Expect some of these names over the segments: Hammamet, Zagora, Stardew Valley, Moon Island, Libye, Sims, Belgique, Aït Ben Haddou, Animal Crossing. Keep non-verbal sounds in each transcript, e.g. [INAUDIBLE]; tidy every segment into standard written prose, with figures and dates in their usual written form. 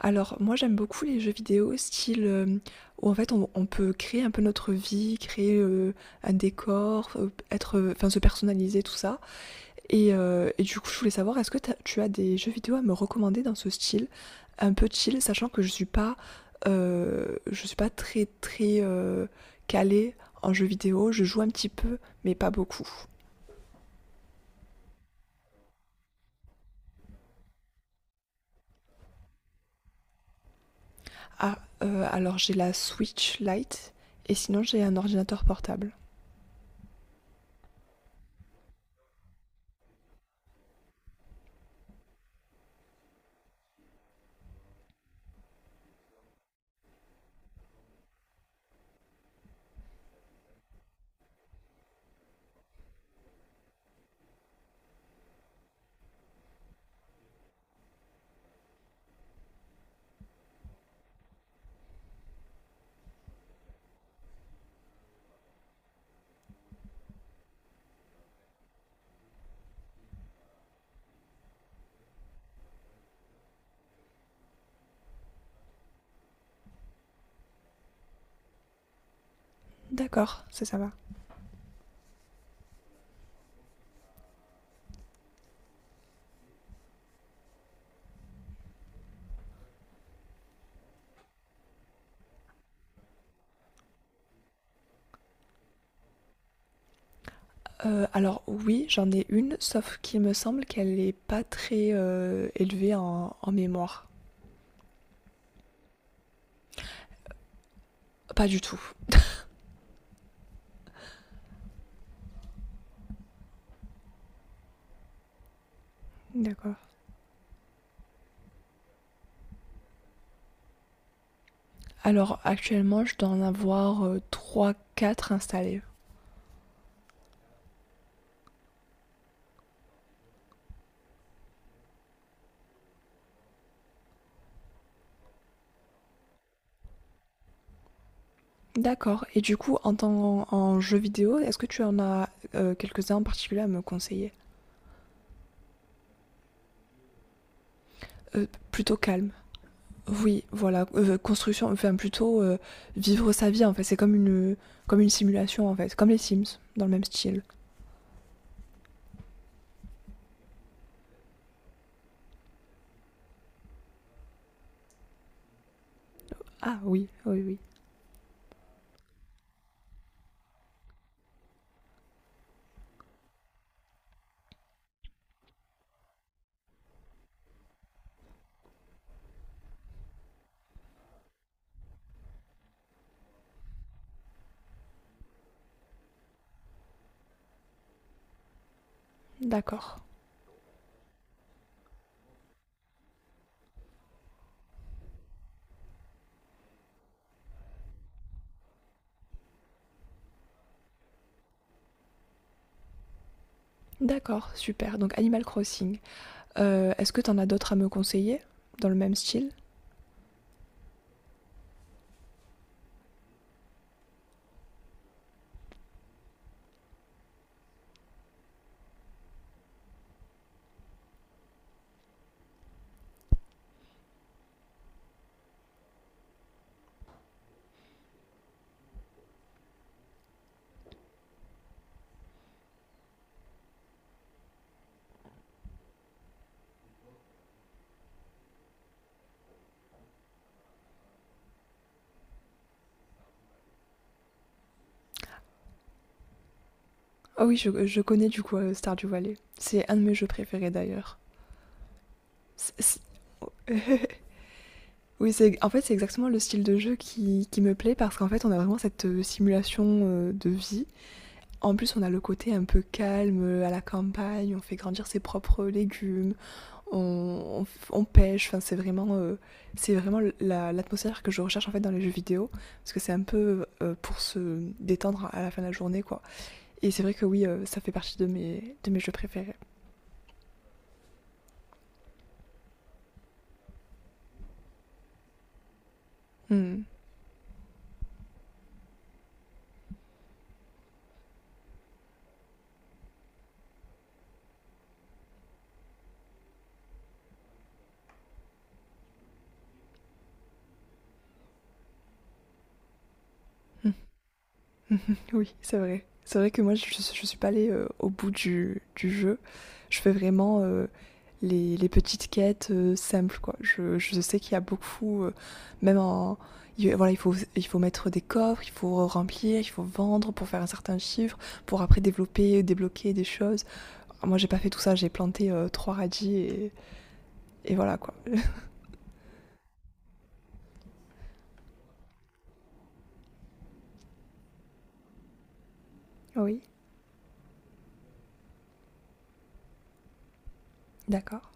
Alors moi j'aime beaucoup les jeux vidéo style, où en fait on peut créer un peu notre vie, créer, un décor, être, enfin se personnaliser tout ça et et du coup je voulais savoir est-ce que tu as des jeux vidéo à me recommander dans ce style? Un peu chill, sachant que je suis pas très, très, calée en jeux vidéo. Je joue un petit peu, mais pas beaucoup. Ah, alors j'ai la Switch Lite et sinon j'ai un ordinateur portable. D'accord, ça va. Alors oui, j'en ai une, sauf qu'il me semble qu'elle est pas très, élevée en mémoire. Pas du tout. D'accord. Alors actuellement, je dois en avoir, 3-4 installés. D'accord et du coup en tant en jeu vidéo, est-ce que tu en as, quelques-uns en particulier à me conseiller? Plutôt calme. Oui, voilà, construction, enfin plutôt, vivre sa vie en fait, c'est comme une simulation en fait, comme les Sims, dans le même style. Ah oui, oui, oui. D'accord. D'accord, super. Donc Animal Crossing. Est-ce que t'en as d'autres à me conseiller, dans le même style? Ah oui, je connais du coup, Stardew Valley. C'est un de mes jeux préférés d'ailleurs. C c [LAUGHS] oui, c'est en fait, c'est exactement le style de jeu qui me plaît parce qu'en fait, on a vraiment cette, simulation, de vie. En plus, on a le côté un peu calme, à la campagne, on fait grandir ses propres légumes, on, on pêche. Enfin, c'est vraiment l'atmosphère que je recherche en fait dans les jeux vidéo, parce que c'est un peu pour se détendre à la fin de la journée, quoi. Et c'est vrai que oui, ça fait partie de mes jeux préférés. Hmm. Mhm. [LAUGHS] Mmh. Oui, c'est vrai. C'est vrai que moi, je suis pas allée, au bout du jeu. Je fais vraiment, les petites quêtes, simples, quoi. Je sais qu'il y a beaucoup, même en il voilà, il faut mettre des coffres, il faut remplir, il faut vendre pour faire un certain chiffre, pour après développer, débloquer des choses. Moi, j'ai pas fait tout ça, j'ai planté, 3 radis et voilà, quoi. [LAUGHS] Oui, d'accord.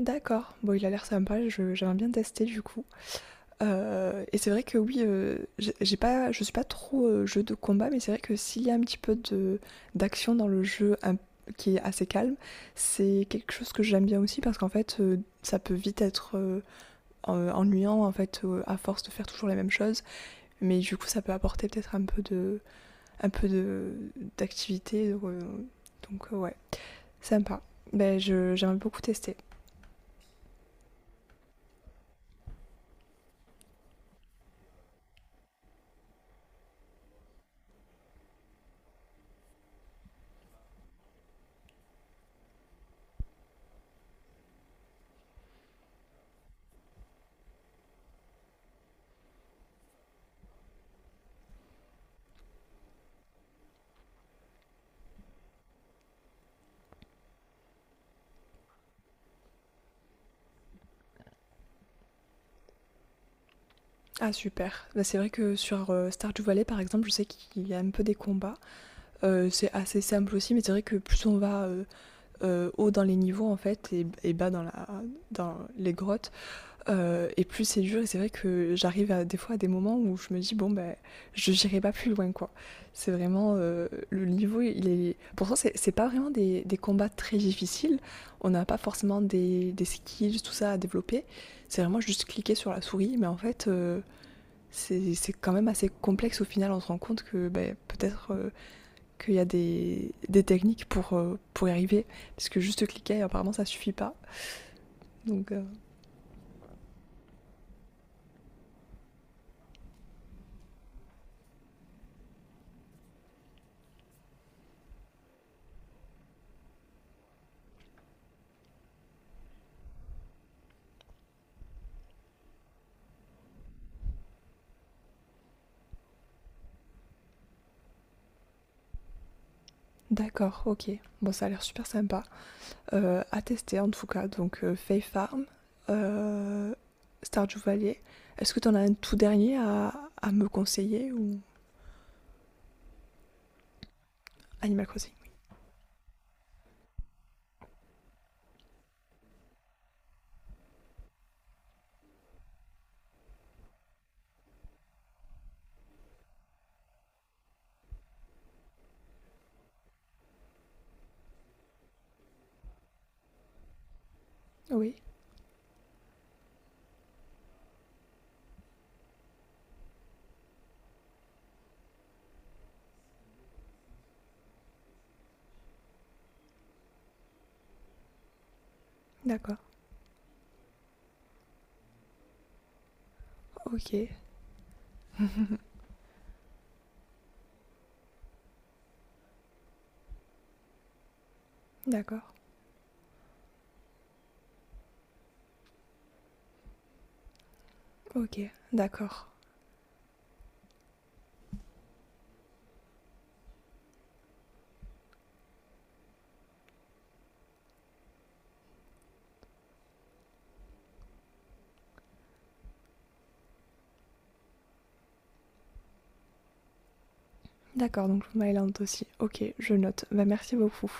D'accord. Bon, il a l'air sympa, je j'aimerais bien tester, du coup. Et c'est vrai que oui, j'ai pas, je suis pas trop jeu de combat, mais c'est vrai que s'il y a un petit peu de d'action dans le jeu un- qui est assez calme, c'est quelque chose que j'aime bien aussi parce qu'en fait, ça peut vite être ennuyant en fait à force de faire toujours la même chose, mais du coup, ça peut apporter peut-être un peu de d'activité, donc, ouais, sympa. Ben je j'aimerais beaucoup tester. Ah super. Ben, c'est vrai que sur Stardew Valley par exemple, je sais qu'il y a un peu des combats. C'est assez simple aussi, mais c'est vrai que plus on va haut dans les niveaux en fait et bas dans, dans les grottes, et plus c'est dur. Et c'est vrai que j'arrive à, des fois à des moments où je me dis bon ben je n'irai pas plus loin quoi. C'est vraiment le niveau il est. Pourtant c'est pas vraiment des combats très difficiles. On n'a pas forcément des skills tout ça à développer. C'est vraiment juste cliquer sur la souris, mais en fait. C'est quand même assez complexe au final, on se rend compte que ben, peut-être qu'il y a des techniques pour y arriver. Parce que juste cliquer, apparemment, ça suffit pas. Donc, d'accord, ok. Bon, ça a l'air super sympa. À tester, en tout cas. Donc, Faith Farm, euh, Stardew Valley. Est-ce que tu en as un tout dernier à me conseiller ou Animal Crossing. Oui, d'accord, ok. D'accord, ok, d'accord. D'accord, donc Moon Island aussi. Ok, je note. Bah, merci beaucoup.